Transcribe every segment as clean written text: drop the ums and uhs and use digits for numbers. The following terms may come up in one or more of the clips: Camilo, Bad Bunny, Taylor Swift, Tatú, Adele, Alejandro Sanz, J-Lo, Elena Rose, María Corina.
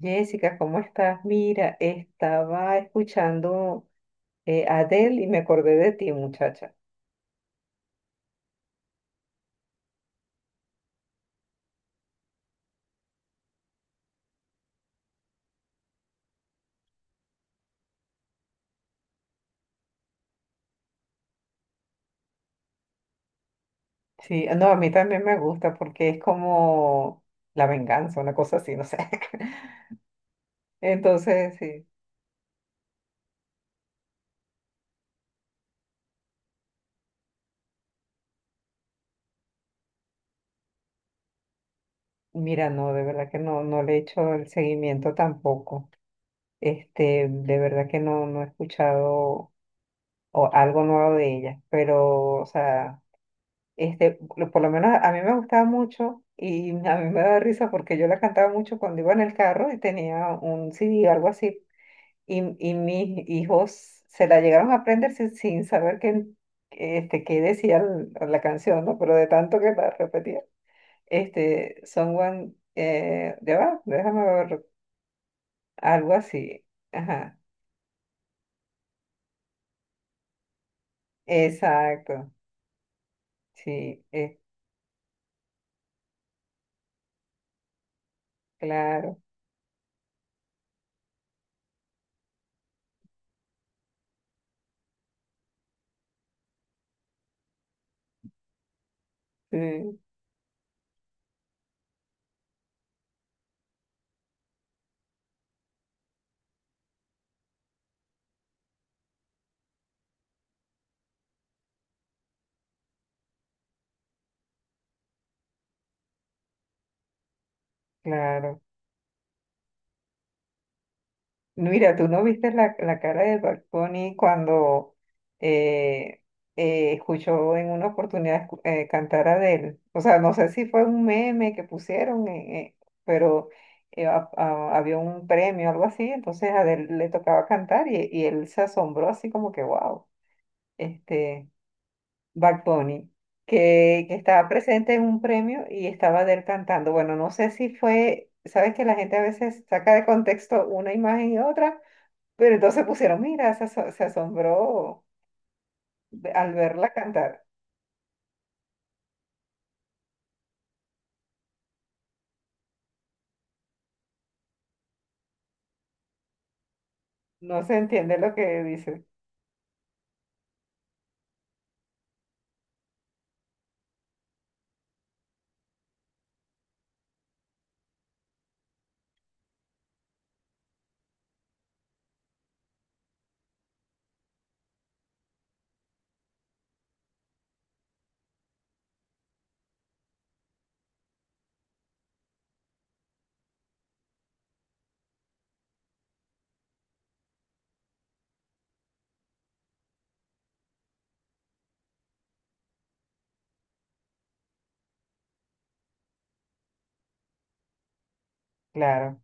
Jessica, ¿cómo estás? Mira, estaba escuchando a Adele y me acordé de ti, muchacha. Sí, no, a mí también me gusta porque es como la venganza, una cosa así, no sé. Entonces, no, de verdad que no, le he hecho el seguimiento tampoco. De verdad que no, algo nuevo de ella, pero, o sea... Por lo menos a mí me gustaba mucho y a mí me daba risa porque yo la cantaba mucho cuando iba en el carro y tenía un CD o algo así. Y mis hijos se la llegaron a aprender sin saber qué, qué decía la canción, ¿no? Pero de tanto que la repetía. Someone, ya va, déjame ver, algo así. Ajá, exacto, sí, claro, sí, claro. Mira, tú no viste la cara de Bad Bunny cuando eh, escuchó en una oportunidad cantar a Adele. O sea, no sé si fue un meme que pusieron, pero había un premio, algo así, entonces a Adele le tocaba cantar y él se asombró así como que, wow, este Bad Bunny, que estaba presente en un premio y estaba Adele cantando. Bueno, no sé si fue, sabes que la gente a veces saca de contexto una imagen y otra, pero entonces pusieron, mira, se, se asombró al verla cantar. No se entiende lo que dice. Claro.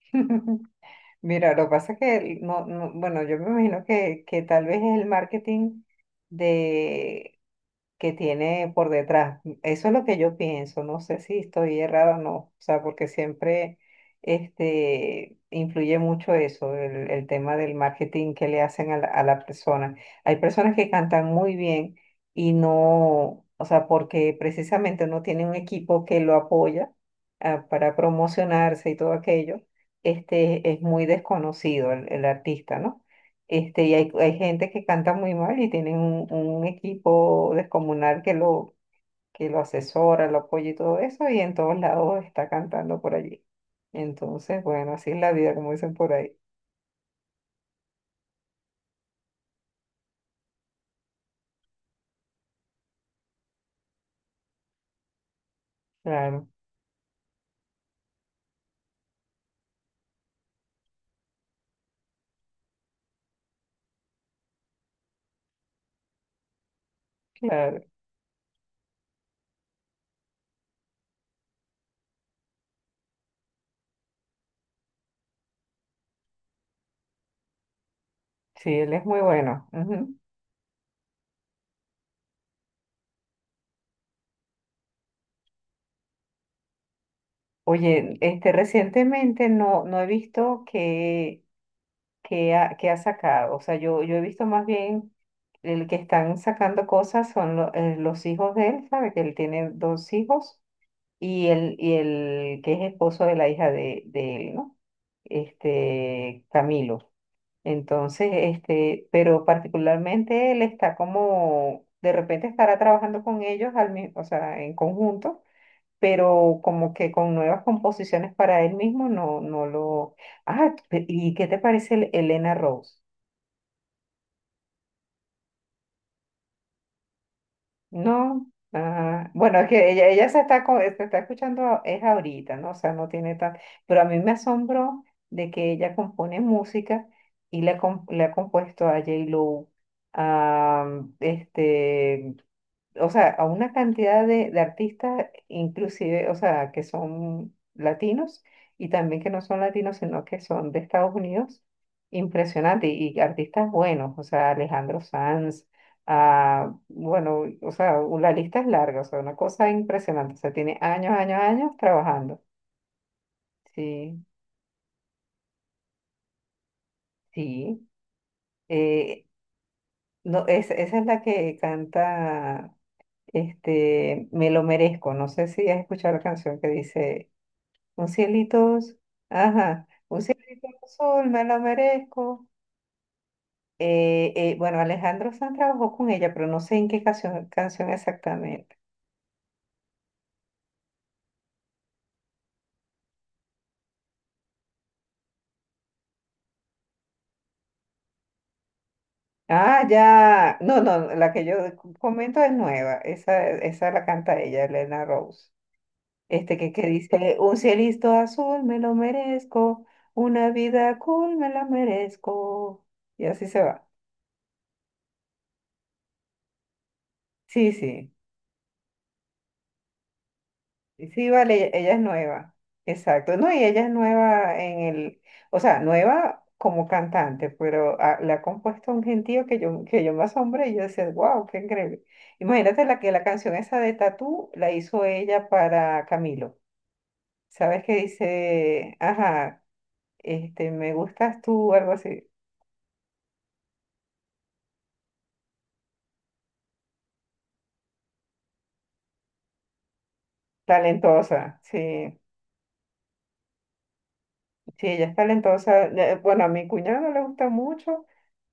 Mira, lo que pasa es que, bueno, yo me imagino que tal vez es el marketing de que tiene por detrás. Eso es lo que yo pienso, no sé si estoy errada o no, o sea, porque siempre influye mucho eso, el tema del marketing que le hacen a la persona. Hay personas que cantan muy bien y no, o sea, porque precisamente no tiene un equipo que lo apoya, para promocionarse y todo aquello, es muy desconocido el artista, ¿no? Y hay gente que canta muy mal y tienen un equipo descomunal que lo asesora, lo apoya y todo eso, y en todos lados está cantando por allí. Entonces, bueno, así es la vida, como dicen por ahí. Claro, claro. Sí, él es muy bueno. Ujú. Oye, recientemente no, no he visto que, que ha sacado. O sea, yo he visto más bien el que están sacando cosas son los hijos de él, ¿sabe? Que él tiene dos hijos y el que es esposo de la hija de él, ¿no? Camilo. Entonces, pero particularmente él está como, de repente estará trabajando con ellos o sea, en conjunto, pero como que con nuevas composiciones para él mismo, no, no lo. ¿Y qué te parece Elena Rose? No, ah, bueno, es que ella se está, se está escuchando, es ahorita, ¿no? O sea, no tiene tan... Pero a mí me asombró de que ella compone música y le, le ha compuesto a J-Lo, a, o sea, a una cantidad de artistas, inclusive, o sea, que son latinos y también que no son latinos, sino que son de Estados Unidos, impresionante, y artistas buenos, o sea, Alejandro Sanz, ah, bueno, o sea, la lista es larga, o sea, una cosa impresionante, o sea, tiene años, años, años trabajando. Sí, sí. eh, no, esa es la que canta, Me lo merezco, no sé si has escuchado la canción que dice... Un cielito, ajá, un cielito azul, me lo merezco. Bueno, Alejandro Sanz trabajó con ella, pero no sé en qué canción exactamente. Ah, ya, no, no, la que yo comento es nueva, esa la canta ella, Elena Rose. Este que dice, un cielito azul, me lo merezco, una vida cool, me la merezco. Y así se va. Sí, sí. Sí, vale, ella es nueva. Exacto. No, y ella es nueva en el, o sea, nueva como cantante, pero le ha compuesto un gentío que yo me asombré y yo decía, wow, qué increíble. Imagínate la que la canción esa de Tatú la hizo ella para Camilo. ¿Sabes qué dice? Ajá, me gustas tú, algo así. Talentosa, sí, sí, ella es talentosa. Bueno, a mi cuñado le gusta mucho.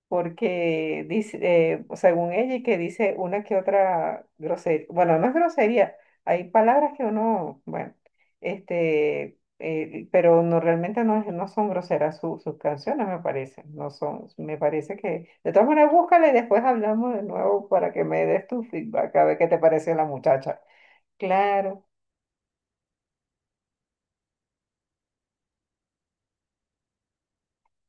Porque dice, según ella, y que dice una que otra grosería, bueno, no es grosería, hay palabras que uno, bueno, pero no realmente no, no son groseras sus canciones, me parece, no son, me parece que, de todas maneras, búscala y después hablamos de nuevo para que me des tu feedback, a ver qué te pareció la muchacha. Claro.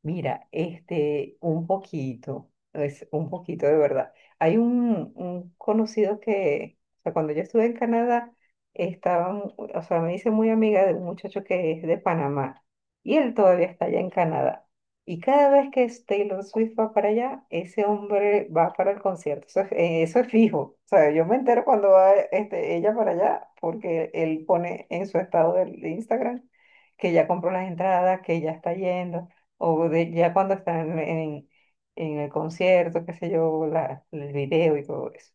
Mira, un poquito, es un poquito de verdad. Hay un conocido que, o sea, cuando yo estuve en Canadá, estaban, o sea, me hice muy amiga de un muchacho que es de Panamá y él todavía está allá en Canadá. Y cada vez que es Taylor Swift va para allá, ese hombre va para el concierto. Eso es fijo. O sea, yo me entero cuando va ella para allá porque él pone en su estado de Instagram que ya compró las entradas, que ya está yendo o de, ya cuando están en el concierto, qué sé yo, la, el video y todo eso.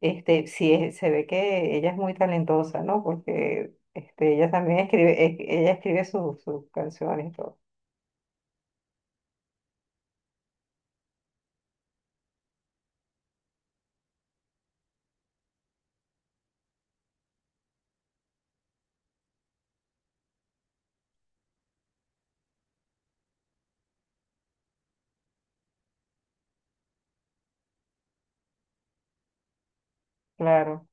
Sí, se ve que ella es muy talentosa, ¿no? Porque ella también escribe, ella escribe sus canciones y todo. Claro.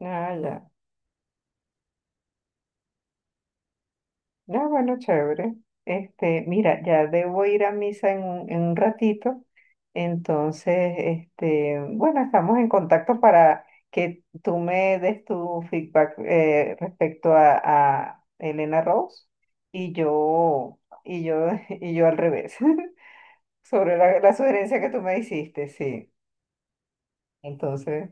Ah, ya. Ah, bueno, chévere. Mira, ya debo ir a misa en un ratito. Entonces, bueno, estamos en contacto para que tú me des tu feedback respecto a Elena Rose y yo y yo al revés sobre la, la sugerencia que tú me hiciste, sí. Entonces,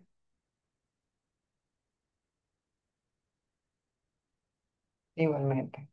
igualmente.